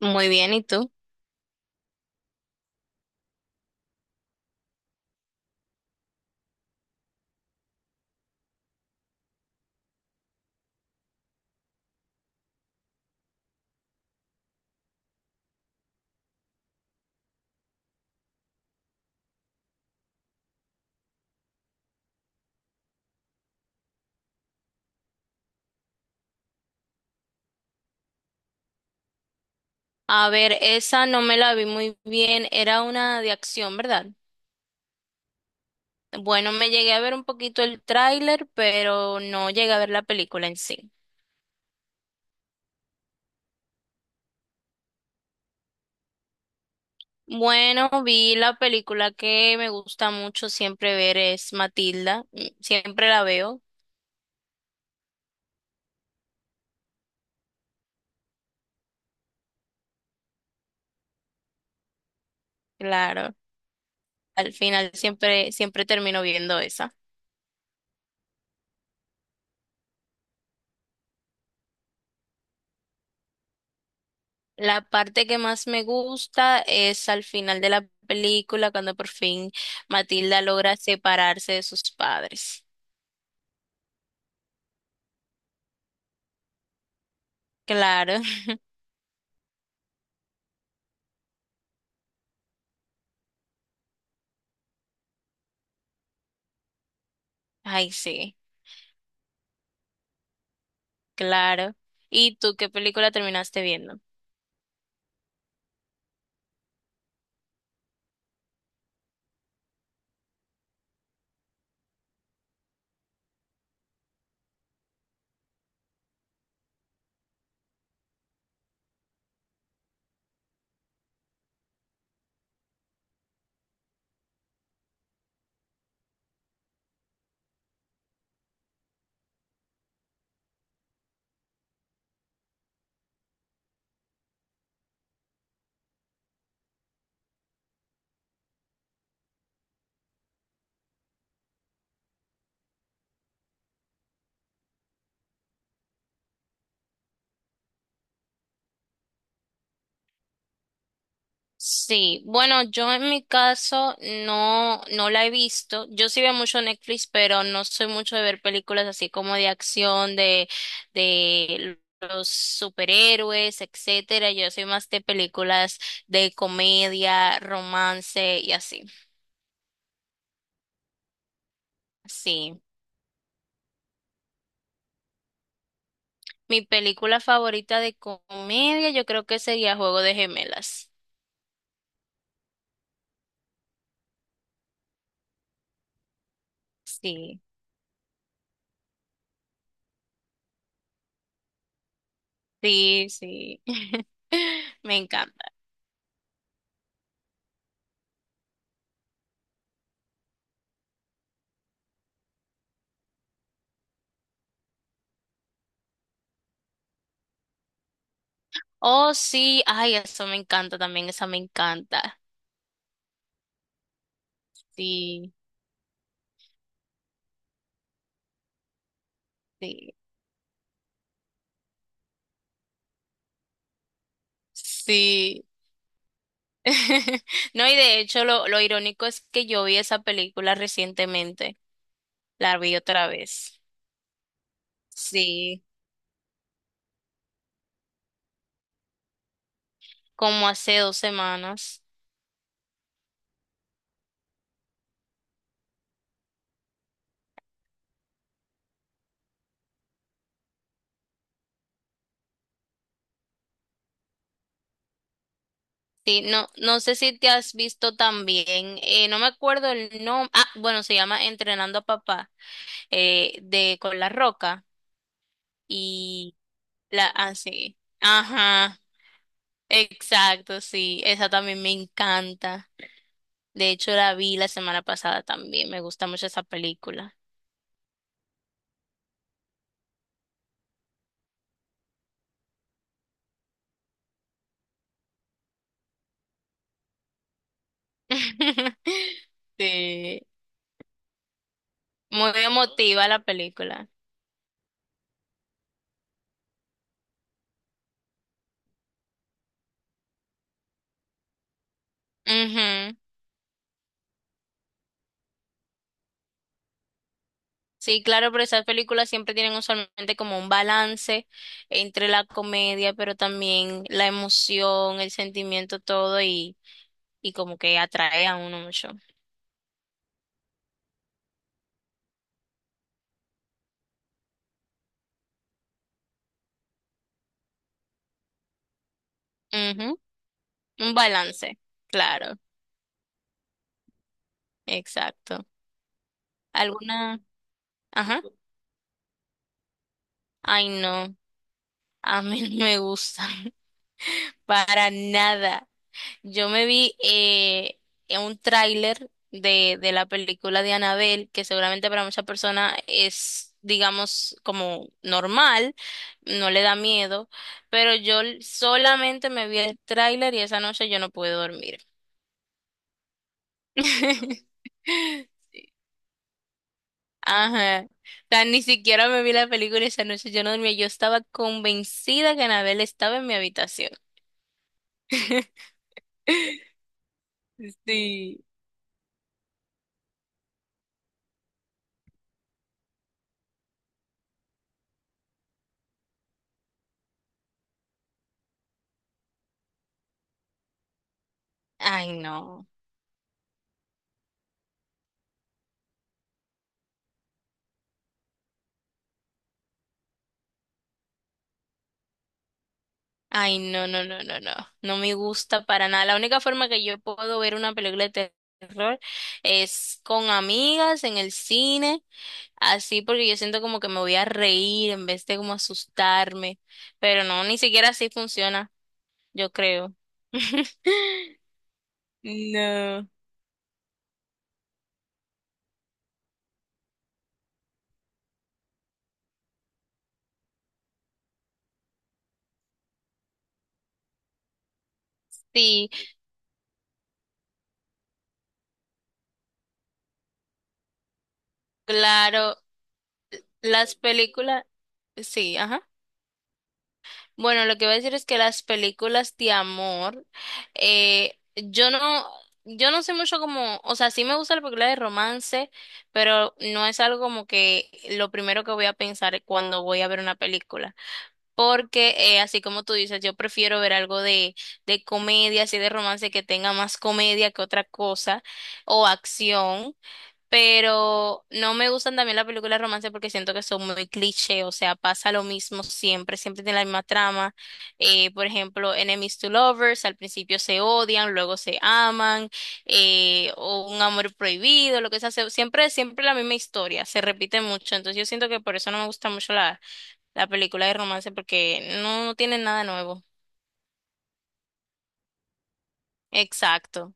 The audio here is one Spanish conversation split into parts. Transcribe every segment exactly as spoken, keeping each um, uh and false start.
Muy bien, ¿y tú? A ver, esa no me la vi muy bien, era una de acción, ¿verdad? Bueno, me llegué a ver un poquito el tráiler, pero no llegué a ver la película en sí. Bueno, vi la película que me gusta mucho siempre ver es Matilda, mm, siempre la veo, claro, al final siempre, siempre termino viendo esa. La parte que más me gusta es al final de la película, cuando por fin Matilda logra separarse de sus padres. Claro. Ay, sí, claro. ¿Y tú qué película terminaste viendo? Sí, bueno, yo en mi caso no, no la he visto. Yo sí veo mucho Netflix, pero no soy mucho de ver películas así como de acción, de, de los superhéroes, etcétera. Yo soy más de películas de comedia, romance y así. Sí. Mi película favorita de comedia yo creo que sería Juego de Gemelas. Sí. Sí, sí. Me encanta. Oh, sí. Ay, eso me encanta también. Esa me encanta. Sí, sí, sí. No, y de hecho, lo, lo irónico es que yo vi esa película recientemente. La vi otra vez. Sí, como hace dos semanas. Sí, no, no sé si te has visto también. Eh, no me acuerdo el nombre. Ah, bueno, se llama Entrenando a Papá. Eh, de con La Roca. Y la, ah, sí. Ajá. Exacto, sí, esa también me encanta. De hecho, la vi la semana pasada también. Me gusta mucho esa película. Sí, muy emotiva la película. Ujú. Sí, claro, pero esas películas siempre tienen usualmente como un balance entre la comedia, pero también la emoción, el sentimiento, todo y, y como que atrae a uno mucho. Ujú. Un balance, claro, exacto. ¿Alguna? Ajá. Ay, no. A mí no me gusta para nada. Yo me vi eh, en un tráiler de, de la película de Annabelle, que seguramente para muchas personas es, digamos, como normal, no le da miedo, pero yo l- solamente me vi el tráiler y esa noche yo no pude dormir. Ajá. O sea, ni siquiera me vi la película, esa noche yo no dormía. Yo estaba convencida que Annabelle estaba en mi habitación. Sí. Ay, no. Ay, no, no, no, no, no. No me gusta para nada. La única forma que yo puedo ver una película de terror es con amigas en el cine, así porque yo siento como que me voy a reír en vez de como asustarme. Pero no, ni siquiera así funciona, yo creo. No. Sí, claro. Las películas, sí, ajá. Bueno, lo que voy a decir es que las películas de amor, eh, yo no, yo no sé mucho como, o sea, sí me gusta la película de romance, pero no es algo como que lo primero que voy a pensar cuando voy a ver una película. Porque, eh, así como tú dices, yo prefiero ver algo de, de comedia, así de romance que tenga más comedia que otra cosa, o acción, pero no me gustan también las películas de romance porque siento que son muy cliché, o sea, pasa lo mismo siempre, siempre tiene la misma trama. Eh, por ejemplo, Enemies to Lovers, al principio se odian, luego se aman, eh, o un amor prohibido, lo que sea, se- siempre, siempre la misma historia, se repite mucho, entonces yo siento que por eso no me gusta mucho la, la película de romance porque no, no tiene nada nuevo. Exacto,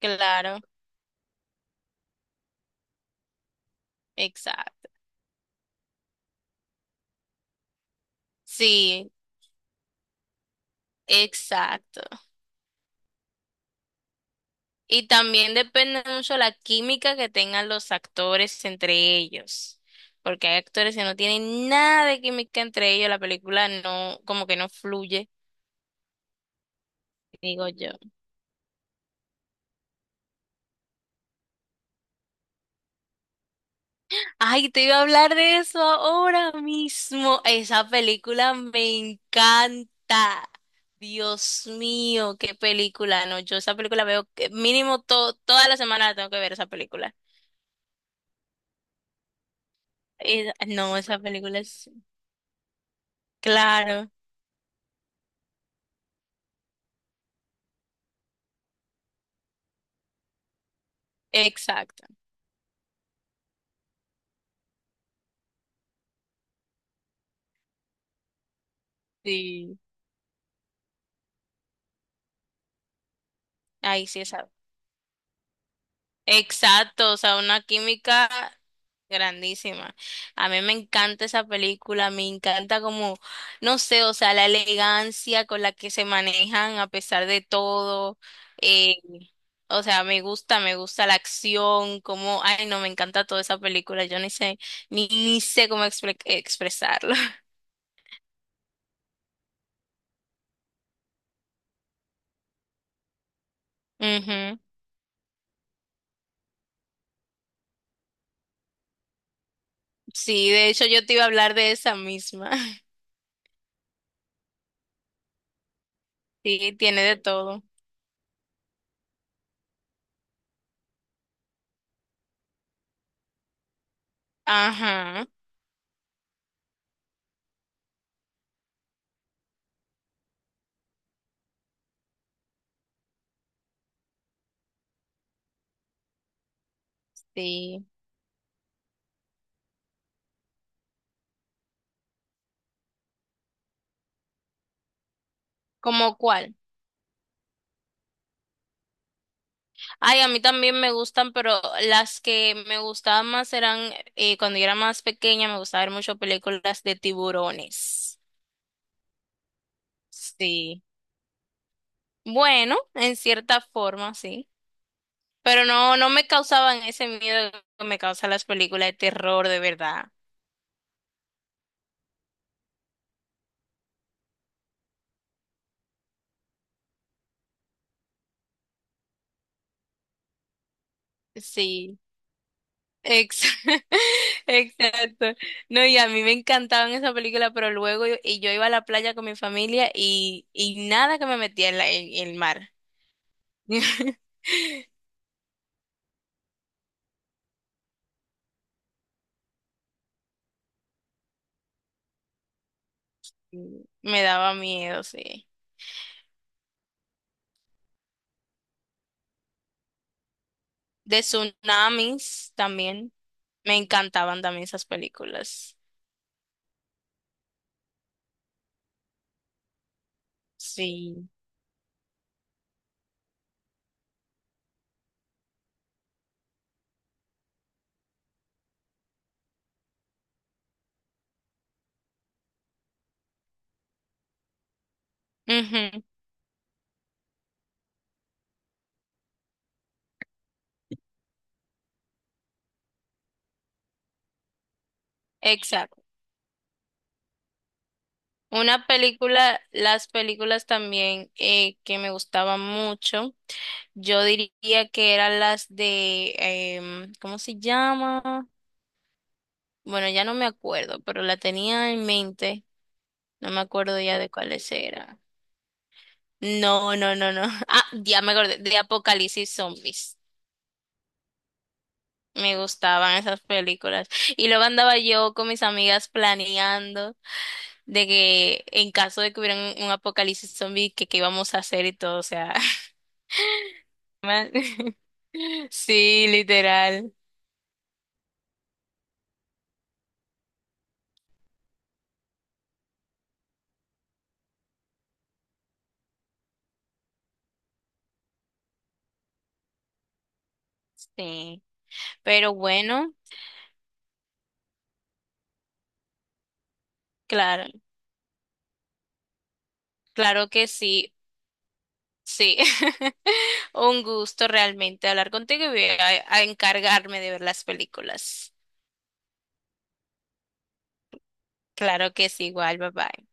claro, exacto. Sí, exacto. Y también depende mucho la química que tengan los actores entre ellos, porque hay actores que no tienen nada de química entre ellos, la película no, como que no fluye, digo yo. Ay, te iba a hablar de eso ahora mismo. Esa película me encanta. Dios mío, qué película. No, yo esa película veo que mínimo to- toda la semana la tengo que ver esa película. Esa- no, esa película es, claro, exacto. Sí. Ay, sí, esa. Exacto, o sea, una química grandísima. A mí me encanta esa película, me encanta como, no sé, o sea, la elegancia con la que se manejan a pesar de todo. eh, o sea, me gusta, me gusta la acción, como, ay, no, me encanta toda esa película, yo ni sé, ni, ni sé cómo expre- expresarlo. Ujú. Sí, de hecho yo te iba a hablar de esa misma. Sí, tiene de todo. Ajá, sí. ¿Cómo cuál? Ay, a mí también me gustan, pero las que me gustaban más eran, eh, cuando yo era más pequeña, me gustaba ver mucho películas de tiburones. Sí. Bueno, en cierta forma, sí. Pero no, no me causaban ese miedo que me causan las películas de terror, de verdad. Sí. Ex- Exacto. No, y a mí me encantaban esas películas, pero luego yo, y yo iba a la playa con mi familia y, y nada que me metía en la- en el mar. Mm, me daba miedo, sí. De tsunamis también. Me encantaban también esas películas. Sí. Ujú, exacto. Una película, las películas también eh, que me gustaban mucho, yo diría que eran las de, em, ¿cómo se llama? Bueno, ya no me acuerdo, pero la tenía en mente. No me acuerdo ya de cuáles eran. No, no, no, no. Ah, ya me acordé, de Apocalipsis Zombies. Me gustaban esas películas. Y luego andaba yo con mis amigas planeando de que en caso de que hubiera un, un apocalipsis zombie, que qué íbamos a hacer y todo. O sea, man- sí, literal. Sí. Pero bueno, claro, claro que sí, sí. Un gusto realmente hablar contigo y voy a a encargarme de ver las películas. Claro que sí, igual, bye bye.